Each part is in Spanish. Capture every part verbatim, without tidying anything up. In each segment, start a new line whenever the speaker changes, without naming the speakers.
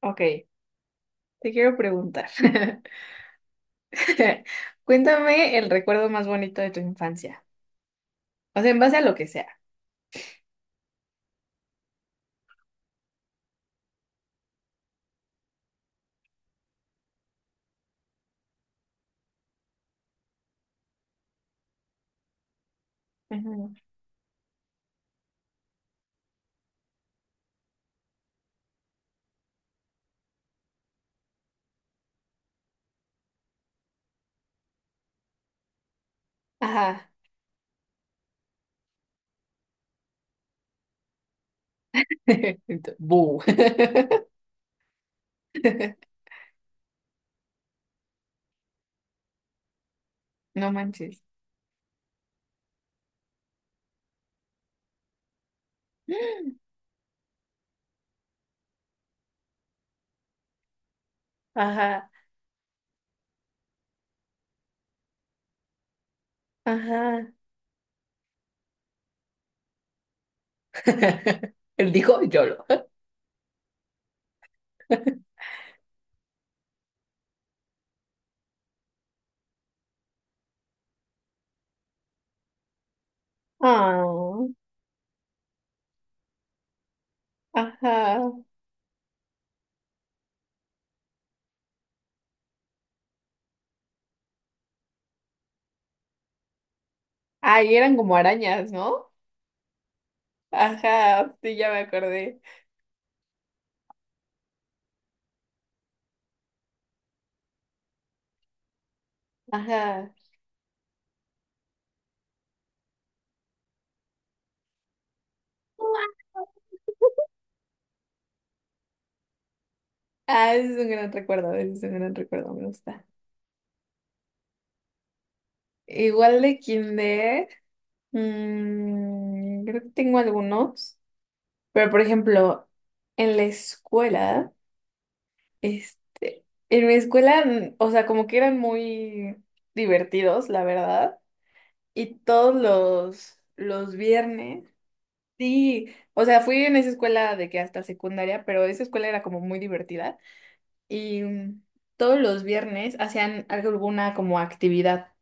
Ok, te quiero preguntar. Cuéntame el recuerdo más bonito de tu infancia. O sea, en base a lo que sea. Ujú. Ajá. Ento- Bu. No manches. Ajá, ajá. Él dijo YOLO. Ah, ajá. Ay, eran como arañas, ¿no? Ajá, sí, ya me acordé. Ajá. Ah, ese es un gran recuerdo, ese es un gran recuerdo, me gusta. Igual de kinder, mm, creo que tengo algunos, pero por ejemplo, en la escuela, este, en mi escuela, mm, o sea, como que eran muy divertidos, la verdad, y todos los, los viernes, sí, o sea, fui en esa escuela de que hasta secundaria, pero esa escuela era como muy divertida, y mm, todos los viernes hacían alguna como actividad.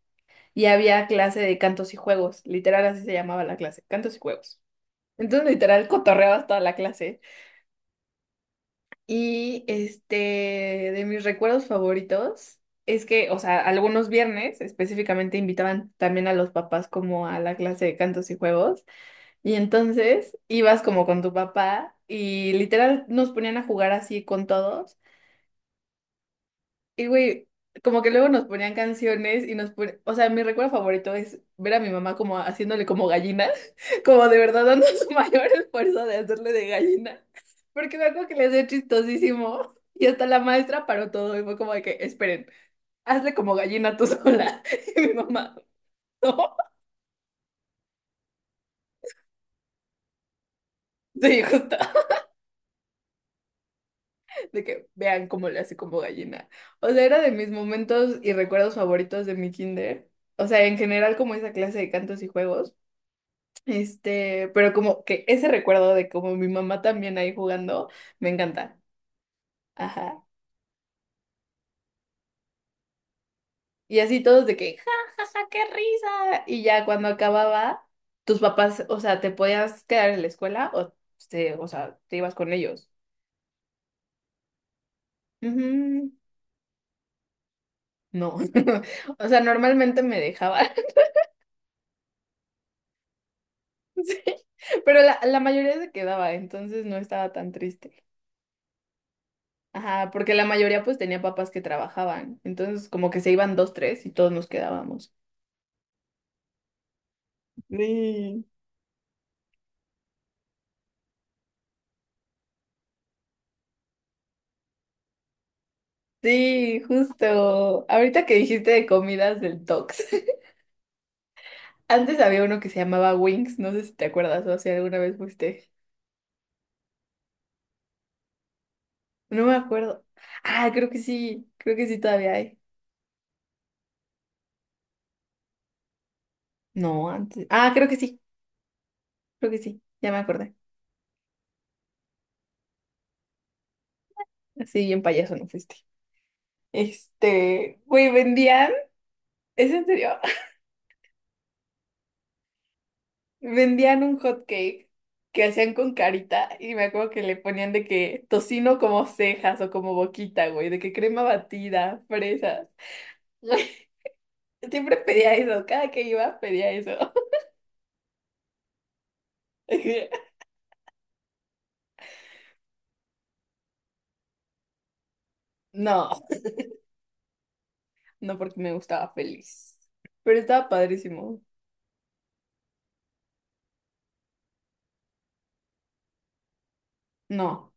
Y había clase de cantos y juegos, literal así se llamaba la clase, cantos y juegos. Entonces literal cotorreabas toda la clase. Y este, de mis recuerdos favoritos es que, o sea, algunos viernes específicamente invitaban también a los papás como a la clase de cantos y juegos. Y entonces ibas como con tu papá y literal nos ponían a jugar así con todos. Y güey, como que luego nos ponían canciones y nos ponían, o sea, mi recuerdo favorito es ver a mi mamá como haciéndole como gallina, como de verdad dando su mayor esfuerzo de hacerle de gallina, porque me acuerdo que le hacía chistosísimo y hasta la maestra paró todo y fue como de que, esperen, hazle como gallina tú sola. Y mi mamá, no, sí, justo, de que vean cómo le hace como gallina. O sea, era de mis momentos y recuerdos favoritos de mi kinder, o sea, en general como esa clase de cantos y juegos. Este, pero como que ese recuerdo de como mi mamá también ahí jugando, me encanta. Ajá. Y así todos de que, ja, ja, ja, qué risa. Y ya cuando acababa, tus papás, o sea, te podías quedar en la escuela o, te, o sea, te ibas con ellos. Ujú. No. O sea, normalmente me dejaba, sí. Pero la, la mayoría se quedaba, entonces no estaba tan triste. Ajá, porque la mayoría pues tenía papás que trabajaban. Entonces como que se iban dos, tres y todos nos quedábamos. Sí. Sí, justo. Ahorita que dijiste de comidas del Tox. Antes había uno que se llamaba Wings, no sé si te acuerdas o si alguna vez fuiste. No me acuerdo. Ah, creo que sí, creo que sí todavía hay. No, antes. Ah, creo que sí, creo que sí, ya me acordé. Sí, bien payaso no fuiste. Este, güey, vendían, ¿es en serio? Vendían un hot cake que hacían con carita y me acuerdo que le ponían de que tocino como cejas o como boquita, güey, de que crema batida, fresas. Siempre pedía eso, cada que iba pedía eso. No, no porque me gustaba feliz. Pero estaba padrísimo. No,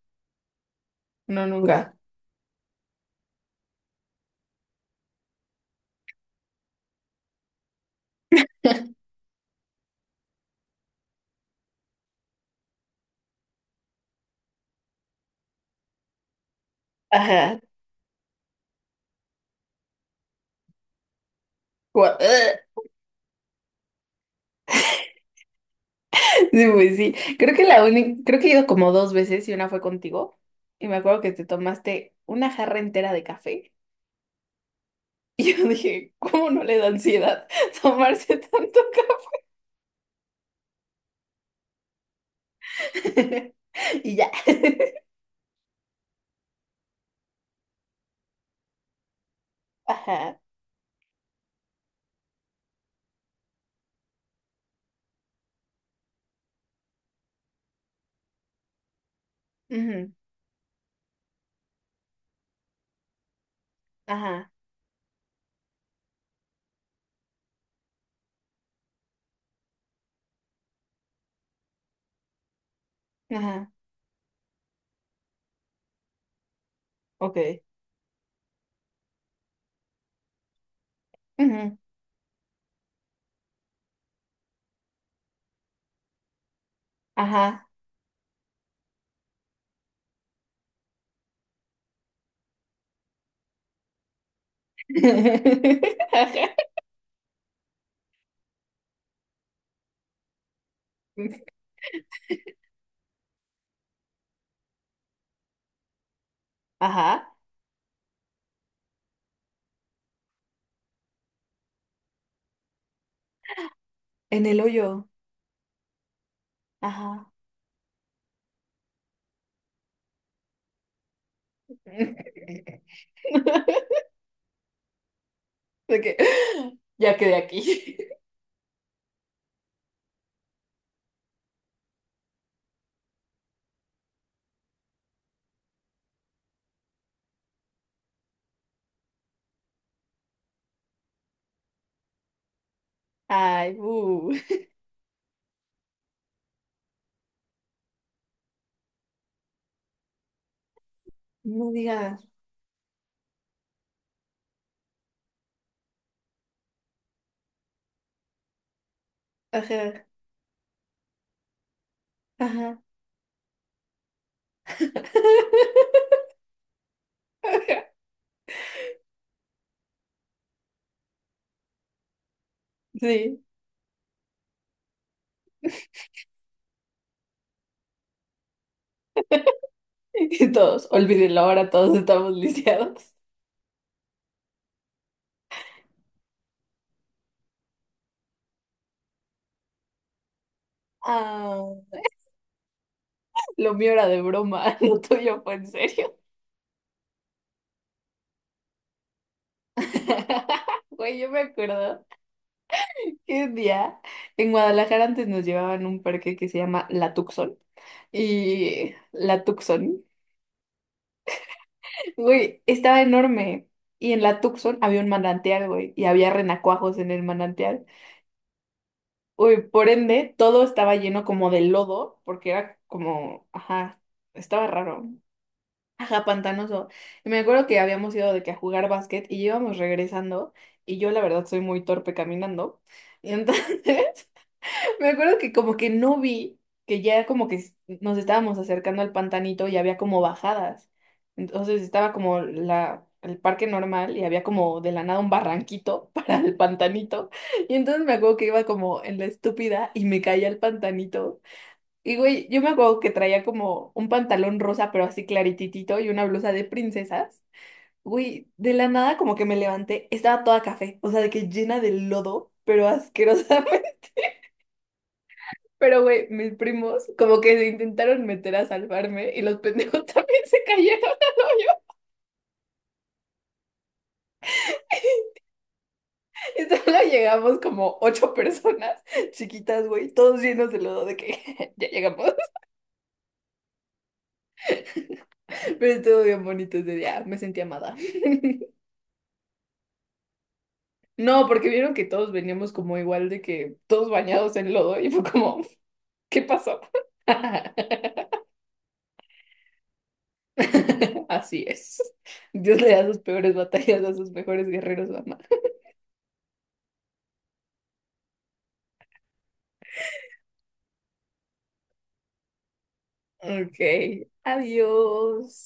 no nunca. Ajá. Gua- Sí, pues sí. Creo que la única, creo que he ido como dos veces y una fue contigo. Y me acuerdo que te tomaste una jarra entera de café. Y yo dije, ¿cómo no le da ansiedad tomarse tanto café? Y ya. Ajá. Ujú. Ajá. Ajá. Ok. Ujú. Ajá. Ajá, en el hoyo. Ajá. De que, ya quedé aquí. Ay, bu. No digas. Ajá, ajá. Ajá. Sí. Y todos, olvídenlo, ahora todos estamos lisiados. Ah, lo mío era de broma, lo tuyo fue en serio. Güey, yo me acuerdo. ¿Qué día? En Guadalajara antes nos llevaban a un parque que se llama La Tuxón. Y La Tuxón, güey, estaba enorme. Y en La Tuxón había un manantial, güey, y había renacuajos en el manantial. Uy, por ende, todo estaba lleno como de lodo, porque era como, ajá, estaba raro. Ajá, pantanoso. Y me acuerdo que habíamos ido de que a jugar básquet y íbamos regresando. Y yo, la verdad, soy muy torpe caminando. Y entonces. Me acuerdo que como que no vi que ya como que s- nos estábamos acercando al pantanito y había como bajadas. Entonces estaba como la, el parque normal y había como de la nada un barranquito para el pantanito. Y entonces me acuerdo que iba como en la estúpida y me caía al pantanito. Y güey, yo me acuerdo que traía como un pantalón rosa pero así clarititito y una blusa de princesas. Güey, de la nada como que me levanté, estaba toda café, o sea, de que llena de lodo, pero asquerosa. Pero, güey, mis primos como que se intentaron meter a salvarme y los pendejos también se cayeron al hoyo. Y solo llegamos como ocho personas chiquitas, güey, todos llenos de lodo de que ya llegamos. Pero estuvo bien bonito ese día, me sentí amada. No, porque vieron que todos veníamos como igual de que todos bañados en lodo y fue como, ¿qué pasó? Así es. Dios le da sus peores batallas a sus mejores guerreros, mamá. Ok, adiós.